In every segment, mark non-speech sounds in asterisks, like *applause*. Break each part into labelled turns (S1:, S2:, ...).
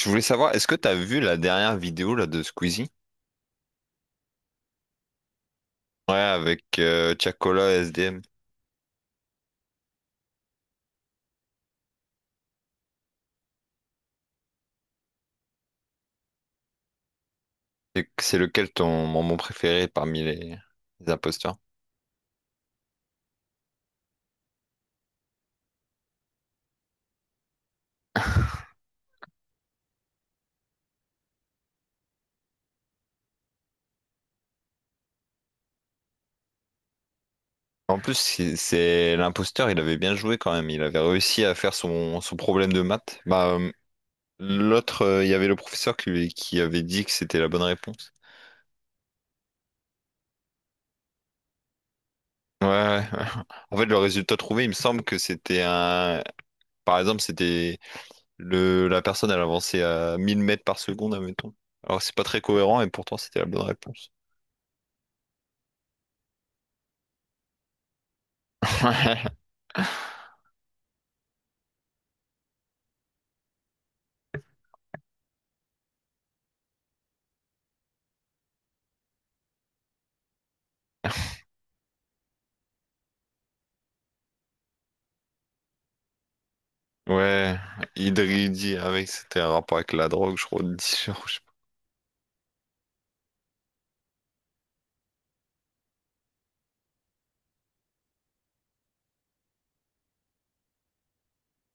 S1: Je voulais savoir, est-ce que t'as vu la dernière vidéo là de Squeezie? Ouais, avec Tiakola et SDM. C'est lequel ton moment préféré parmi les imposteurs? En plus, l'imposteur, il avait bien joué quand même. Il avait réussi à faire son problème de maths. Bah, l'autre, il y avait le professeur qui, qui avait dit que c'était la bonne réponse. Ouais, ouais. *laughs* En fait, le résultat trouvé, il me semble que c'était un. Par exemple, c'était... La personne, elle avançait à 1000 mètres par seconde, admettons. Alors, c'est pas très cohérent et pourtant, c'était la bonne réponse. *laughs* Ouais, Idridi avec, c'était un rapport avec la drogue, je crois, de dealer, je sais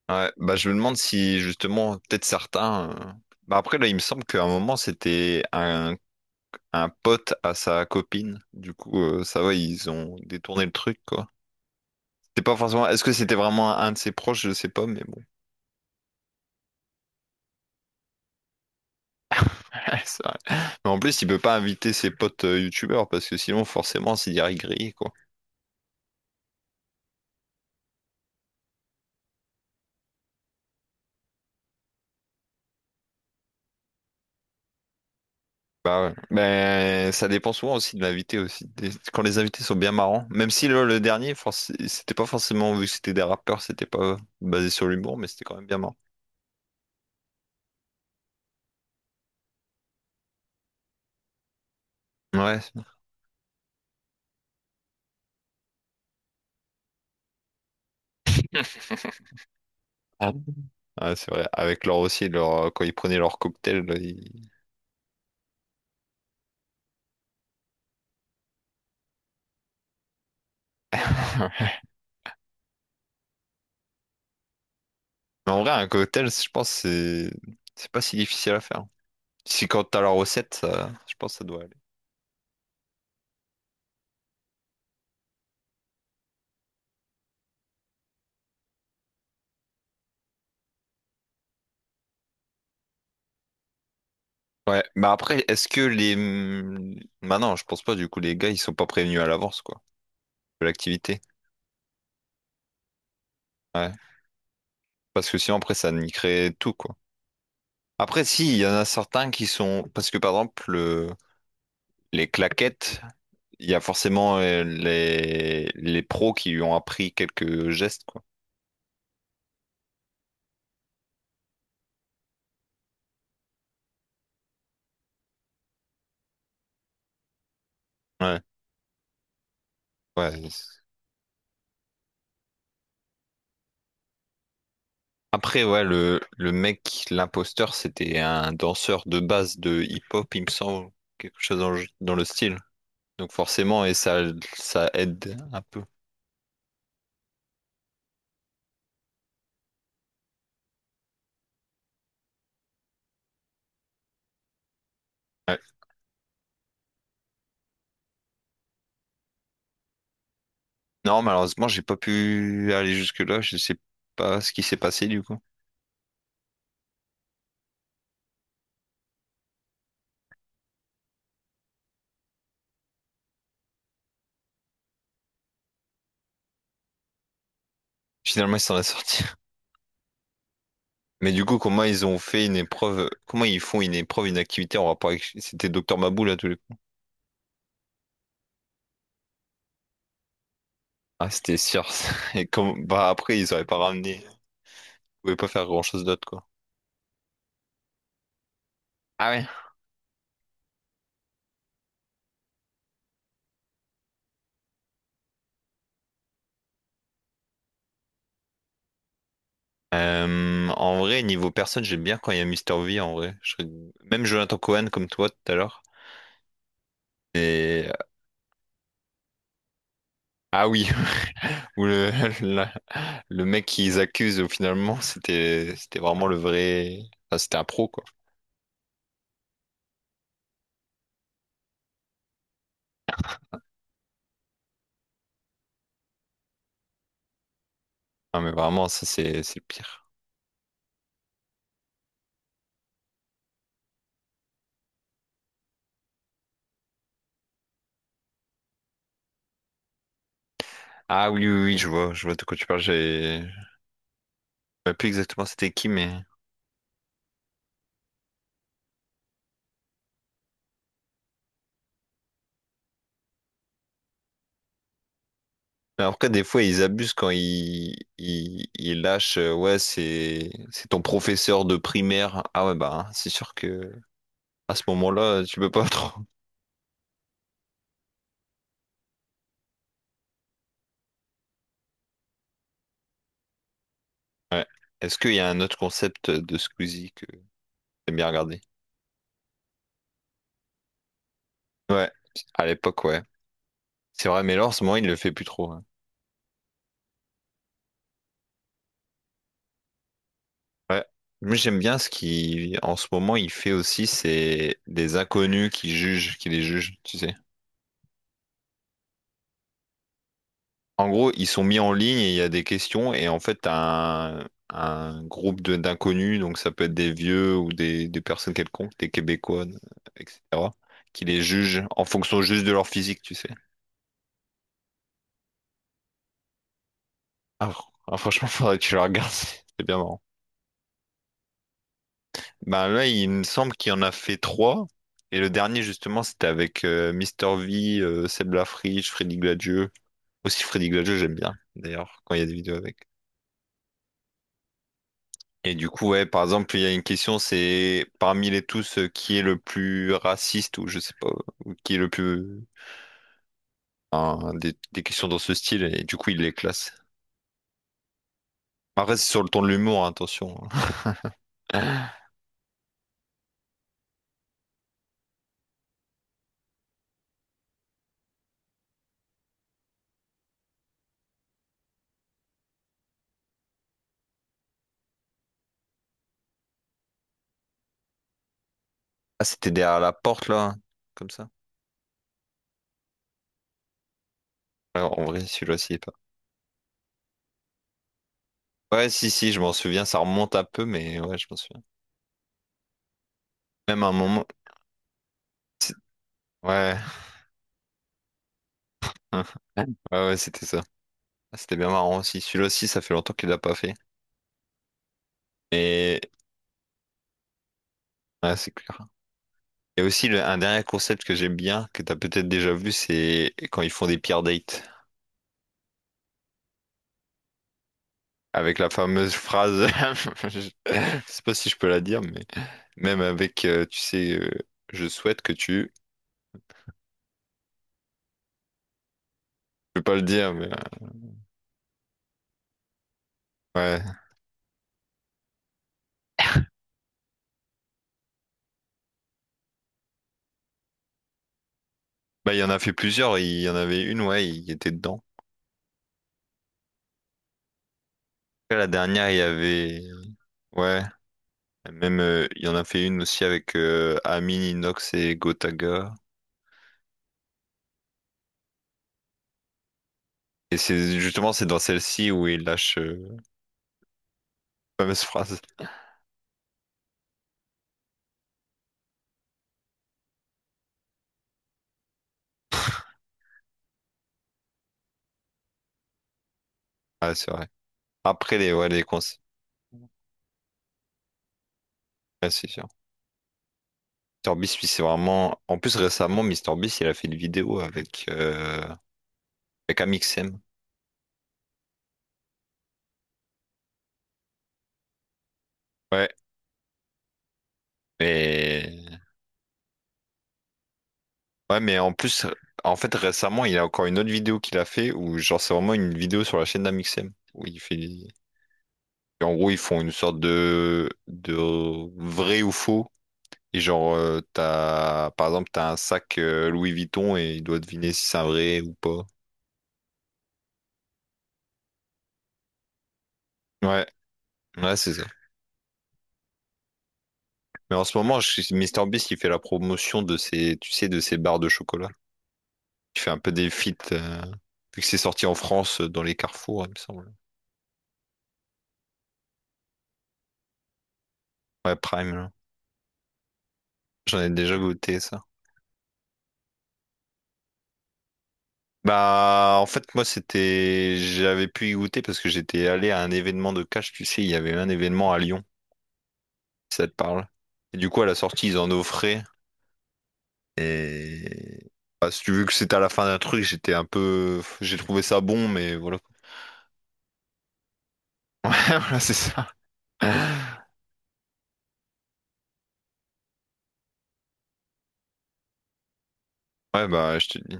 S1: pas. Ouais, bah je me demande si justement, peut-être certains. Bah après, là, il me semble qu'à un moment, c'était un pote à sa copine. Du coup, ça va, ils ont détourné le truc, quoi. C'était pas forcément. Est-ce que c'était vraiment un de ses proches? Je sais pas, mais. *laughs* C'est vrai. Mais en plus, il peut pas inviter ses potes youtubeurs parce que sinon, forcément, c'est direct grillé, quoi. Bah ouais. Mais ça dépend souvent aussi de l'invité aussi. Quand les invités sont bien marrants, même si le dernier, c'était pas forcément vu que c'était des rappeurs, c'était pas basé sur l'humour, mais c'était quand même bien marrant. Ouais, c'est ah bon. Ouais, c'est vrai. Avec leur aussi, leur, quand ils prenaient leur cocktail, là, *laughs* Mais en vrai, un cocktail, je pense, c'est pas si difficile à faire. Si quand t'as la recette, je pense que ça doit aller. Ouais, mais après, est-ce que les... bah non, je pense pas, du coup, les gars, ils sont pas prévenus à l'avance, quoi, de l'activité. Ouais. Parce que sinon, après, ça niquerait tout, quoi. Après, si, il y en a certains qui sont... Parce que, par exemple, les claquettes, il y a forcément les pros qui lui ont appris quelques gestes, quoi. Ouais, ouais. Après, ouais, le mec, l'imposteur, c'était un danseur de base de hip-hop, il me semble, quelque chose dans le style. Donc forcément, et ça aide un peu. Ouais. Non, malheureusement, j'ai pas pu aller jusque-là. Je sais pas ce qui s'est passé du coup. Finalement, ils s'en est sorti. *laughs* Mais du coup, comment ils ont fait une épreuve? Comment ils font une épreuve, une activité en rapport avec... C'était Docteur Mabou là tous les coups. Ah, c'était Circe. *laughs* Et comme bah après, ils auraient pas ramené. Ils pouvaient pas faire grand-chose d'autre quoi. Ah ouais. En vrai, niveau personne, j'aime bien quand il y a Mister V en vrai. Même Jonathan Cohen comme toi tout à l'heure. Et Ah oui, *laughs* où la- le mec qu'ils accusent finalement, c'était vraiment le vrai. Enfin, c'était un pro quoi. Ah mais vraiment, ça c'est le pire. Ah oui, oui, oui, je vois de quoi tu parles. J'ai Je me rappelle plus exactement c'était qui, mais. Mais après, des fois, ils abusent quand ils lâchent. Ouais, c'est ton professeur de primaire. Ah ouais, bah, hein, c'est sûr que à ce moment-là, tu peux pas *laughs* trop. Ouais. Est-ce qu'il y a un autre concept de Squeezie que t'aimes bien regarder? Ouais, à l'époque, ouais. C'est vrai, mais là, en ce moment, il ne le fait plus trop, hein. Ouais. Moi, j'aime bien ce qu'il, en ce moment, il fait aussi, c'est des inconnus qui jugent, qui les jugent, tu sais. En gros, ils sont mis en ligne et il y a des questions, et en fait, t'as un d'inconnus, donc ça peut être des vieux ou des personnes quelconques, des Québécois, etc., qui les jugent en fonction juste de leur physique, tu sais. Ah, ah, franchement, faudrait que tu le regardes, *laughs* c'est bien marrant. Bah là, il me semble qu'il en a fait trois. Et le dernier, justement, c'était avec Mister V, Seb Lafriche, Freddy Gladieux. Aussi, Freddy Gladieux, j'aime bien, d'ailleurs, quand il y a des vidéos avec. Et du coup, ouais, par exemple, il y a une question, c'est parmi les tous, qui est le plus raciste ou je sais pas, ou qui est le plus... enfin, des questions dans ce style, et du coup, il les classe. Après, c'est sur le ton de l'humour, hein, attention. *laughs* Ah, c'était derrière la porte, là, hein, comme ça. Alors, en vrai, celui-là, s'il est pas. Ouais, si, si, je m'en souviens, ça remonte un peu, mais ouais, je m'en souviens. Même un moment. c'est- Ouais, *laughs* ouais, ouais, c'était ça. Ah, c'était bien marrant aussi. Celui-là aussi, ça fait longtemps qu'il l'a pas fait. Mais ouais, c'est clair. Et aussi, un dernier concept que j'aime bien, que t'as peut-être déjà vu, c'est quand ils font des peer dates. Avec la fameuse phrase, *laughs* je sais pas si je peux la dire, mais même avec, tu sais, je souhaite que tu. Je peux pas le dire, mais ouais. Bah, il y en a fait plusieurs. Il y en avait une, ouais, il était dedans. Après, la dernière, il y avait. Ouais. Même, il y en a fait une aussi avec Amin, Inox et Gotaga. Et c'est justement, c'est dans celle-ci où il lâche la fameuse phrase. Ouais, c'est vrai. Après, les, ouais, les conseils. Ouais, c'est sûr. Mr Beast, lui, c'est vraiment. En plus, récemment, Mr Beast, il a fait une vidéo avec Amixem. Ouais. Et... Ouais, mais en plus, en fait, récemment, il y a encore une autre vidéo qu'il a fait où, genre, c'est vraiment une vidéo sur la chaîne d'Amixem. Où il fait. En gros, ils font une sorte de vrai ou faux. Et genre, t'as, par exemple, t'as un sac Louis Vuitton et il doit deviner si c'est un vrai ou pas. Ouais, ouais, c'est ça. Mais en ce moment, je suis MrBeast qui fait la promotion de ces, tu sais, de ces barres de chocolat. Il fait un peu des feats, vu que c'est sorti en France dans les carrefours, il me semble. Ouais, Prime, là. J'en ai déjà goûté ça. Bah, en fait, moi, c'était, j'avais pu y goûter parce que j'étais allé à un événement de cash, tu sais, il y avait un événement à Lyon, si ça te parle. Et du coup, à la sortie, ils en offraient. Et bah, si tu veux que c'était à la fin d'un truc, j'étais un peu, j'ai trouvé ça bon, mais voilà. *laughs* Ouais, voilà, c'est ça. Ouais, bah, je te dis,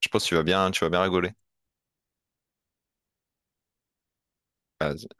S1: je pense que tu vas bien rigoler. Vas-y.